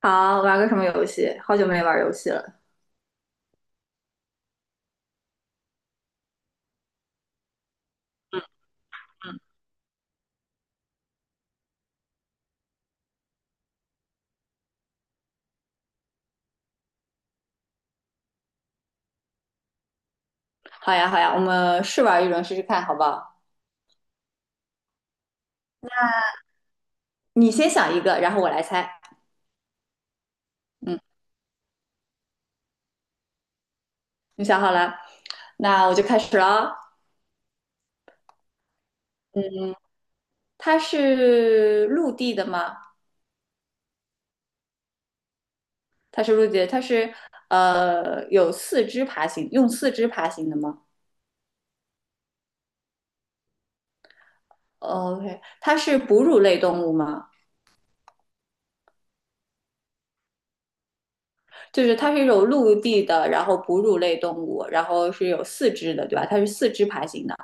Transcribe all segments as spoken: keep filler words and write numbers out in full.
好，玩个什么游戏？好久没玩游戏了。好呀，好呀，我们试玩一轮试试看，好不好？你先想一个，然后我来猜。嗯，你想好了，那我就开始了哦。嗯，它是陆地的吗？它是陆地的，它是呃有四肢爬行，用四肢爬行的吗？OK，它是哺乳类动物吗？就是它是一种陆地的，然后哺乳类动物，然后是有四肢的，对吧？它是四肢爬行的。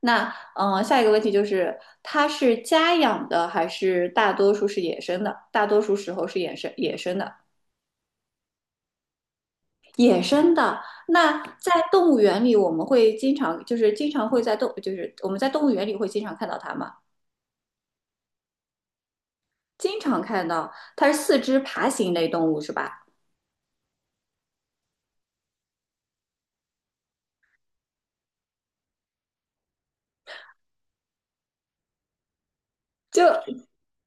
那嗯、呃下一个问题就是，它是家养的还是大多数是野生的？大多数时候是野生野生的，野生的。那在动物园里，我们会经常就是经常会在动就是我们在动物园里会经常看到它吗？经常看到，它是四肢爬行类动物是吧？就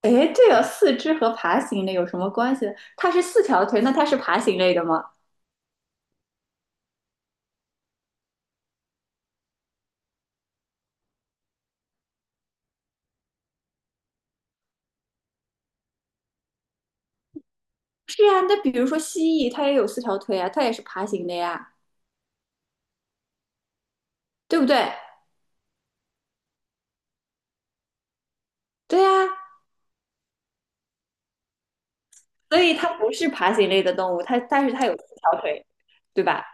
诶，这个四肢和爬行类有什么关系呢？它是四条腿，那它是爬行类的吗？是啊，那比如说蜥蜴，它也有四条腿啊，它也是爬行的呀，对不对？对呀，所以它不是爬行类的动物，它但是它有四条腿，对吧？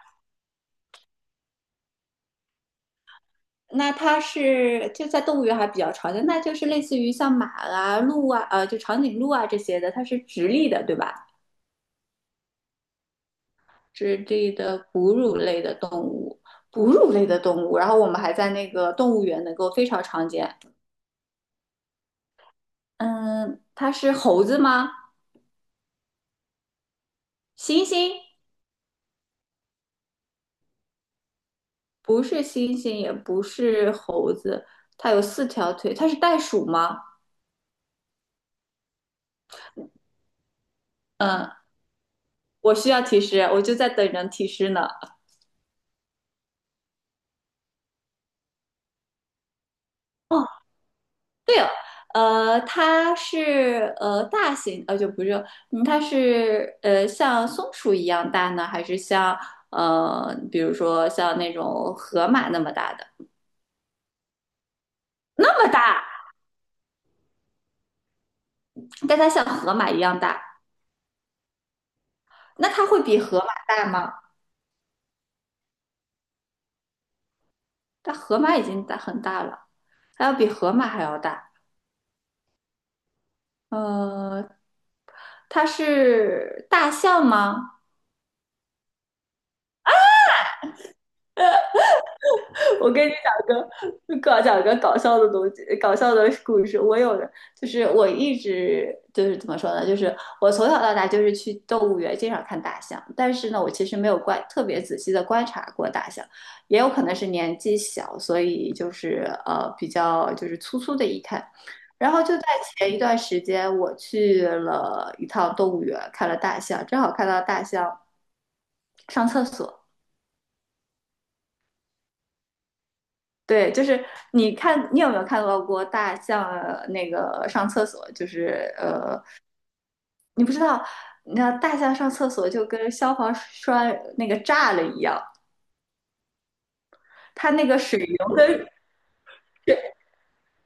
那它是就在动物园还比较常见，那就是类似于像马啊、鹿啊、呃，就长颈鹿啊这些的，它是直立的，对吧？直立的哺乳类的动物，哺乳类的动物。然后我们还在那个动物园能够非常常见。嗯，它是猴子吗？猩猩，不是猩猩，也不是猴子，它有四条腿，它是袋鼠吗？嗯，我需要提示，我就在等人提示呢。哦，呃，它是呃大型，呃就不是，嗯，它是呃像松鼠一样大呢，还是像呃比如说像那种河马那么大的？那么大，但它像河马一样大，那它会比河马大吗？但河马已经大很大了，它要比河马还要大。呃，它是大象吗？我跟你讲个搞讲个搞笑的东西，搞笑的故事。我有的就是我一直就是怎么说呢，就是我从小到大就是去动物园经常看大象，但是呢，我其实没有观特别仔细的观察过大象，也有可能是年纪小，所以就是呃比较就是粗粗的一看。然后就在前一段时间，我去了一趟动物园，看了大象，正好看到大象上厕所。对，就是你看，你有没有看到过大象呃那个上厕所？就是呃，你不知道，你知道大象上厕所就跟消防栓那个炸了一样，它那个水流跟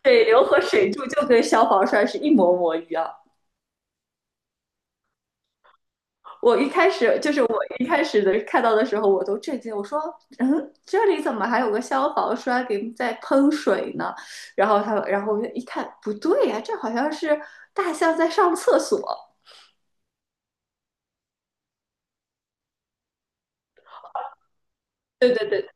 水流和水柱就跟消防栓是一模模一样。我一开始就是我一开始的看到的时候，我都震惊，我说，嗯，这里怎么还有个消防栓给在喷水呢？然后他，然后我就一看，不对呀、这好像是大象在上厕所。对对对。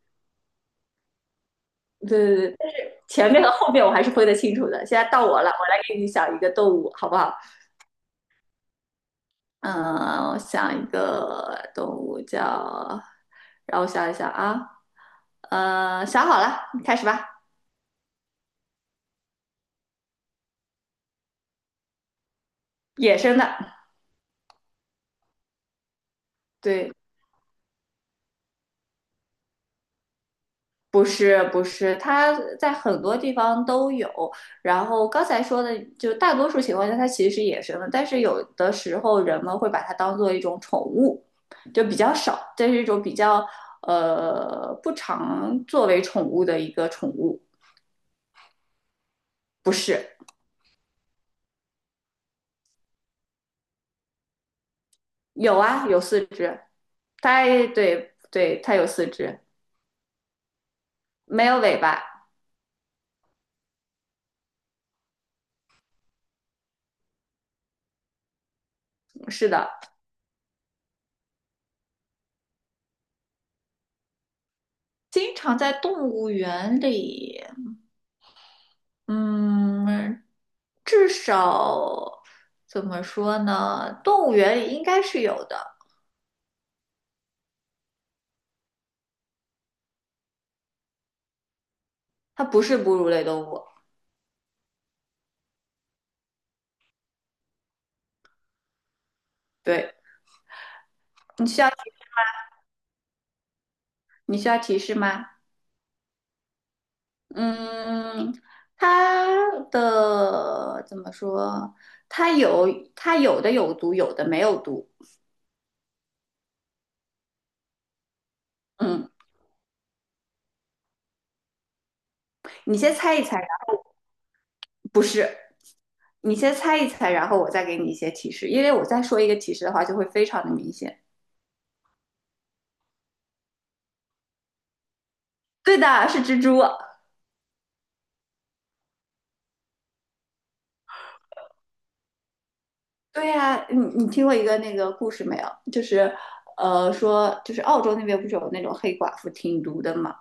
对对对，但是前面和后面我还是分得清楚的。现在到我了，我来给你想一个动物，好不好？嗯，我想一个动物叫，让我想一想啊，呃，想好了，你开始吧。野生的，对，不是不是，它在很多地方都有。然后刚才说的，就大多数情况下它其实是野生的，但是有的时候人们会把它当做一种宠物，就比较少，这是一种比较呃不常作为宠物的一个宠物。不是，有啊，有四只。它对对，它有四只，没有尾巴。是的，经常在动物园里，嗯。至少怎么说呢？动物园里应该是有的，它不是哺乳类动物。对，你需要你需要提示吗？嗯，它的怎么说？它有它有的有毒，有的没有毒。嗯，你先猜一猜，然后不是，你先猜一猜，然后我再给你一些提示，因为我再说一个提示的话就会非常的明显。对的，是蜘蛛。对呀、你你听过一个那个故事没有？就是，呃，说就是澳洲那边不是有那种黑寡妇挺毒的嘛？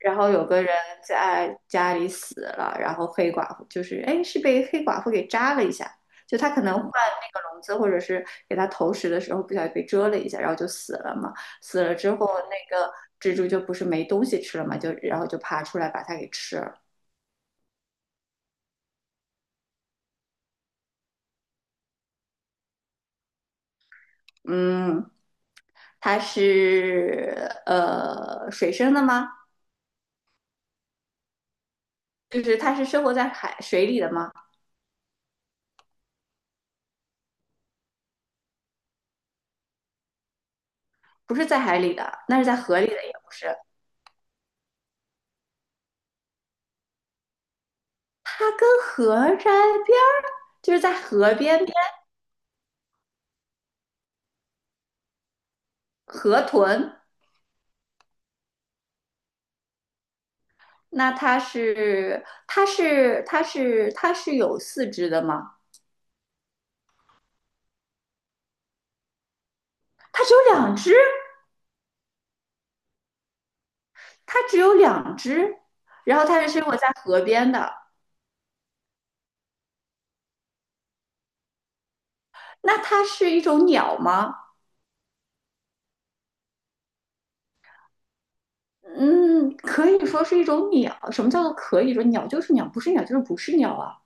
然后有个人在家里死了，然后黑寡妇就是哎是被黑寡妇给扎了一下，就他可能换那个笼子或者是给他投食的时候不小心被蛰了一下，然后就死了嘛。死了之后那个蜘蛛就不是没东西吃了嘛，就然后就爬出来把它给吃了。嗯，它是呃水生的吗？就是它是生活在海水里的吗？不是在海里的，那是在河里的，也不是。它跟河沾边儿，就是在河边边河豚。那它是它是它是它是有四肢的吗？它只有两只，它只有两只。然后它是生活在河边的。那它是一种鸟吗？嗯，可以说是一种鸟。什么叫做可以说鸟就是鸟，不是鸟就是不是鸟啊？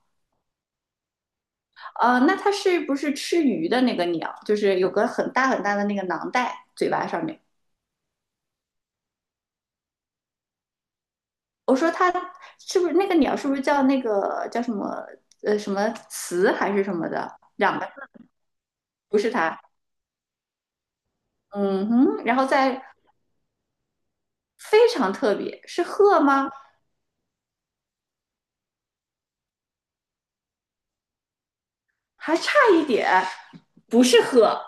呃，那它是不是吃鱼的那个鸟？就是有个很大很大的那个囊袋，嘴巴上面。我说它是不是那个鸟？是不是叫那个叫什么呃什么雌还是什么的？两个不是它，嗯哼。然后再非常特别，是鹤吗？还差一点，不是鹤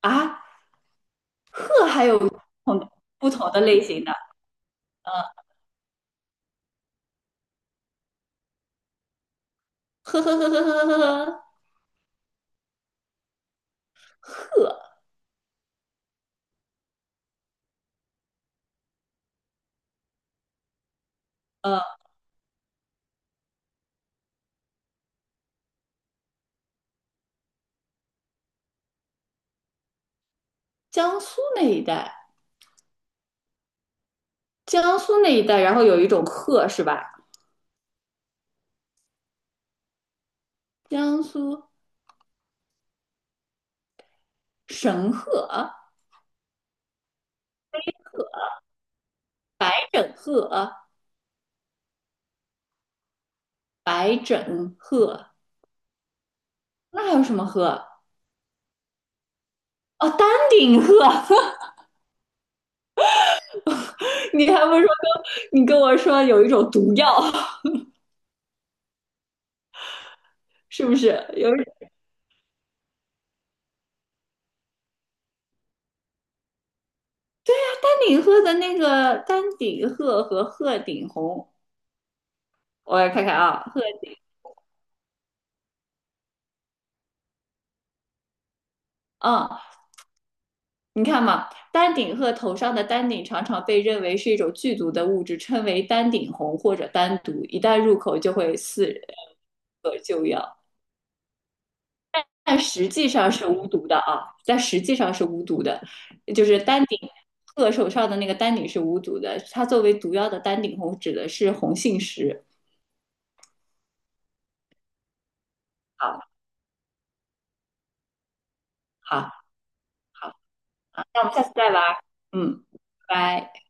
啊，鹤还有不同的不同的类型的，嗯，呵呵呵呵呵呵呵呵，鹤，呃，江苏那一带，江苏那一带，然后有一种鹤是吧？江苏神鹤、白枕鹤、白枕鹤，那还有什么鹤啊？哦，丹顶鹤，你还不说跟你跟我说有一种毒药，是不是？有丹顶鹤的那个丹顶鹤和鹤顶红，我来看看啊，鹤顶啊，嗯，你看嘛，丹顶鹤头上的丹顶常常被认为是一种剧毒的物质，称为丹顶红或者丹毒，一旦入口就会死人和救药。但实际上是无毒的啊，但实际上是无毒的，就是丹顶鹤手上的那个丹顶是无毒的，它作为毒药的丹顶红指的是红杏石。好，好，好，那我们下次再玩儿嗯，拜拜。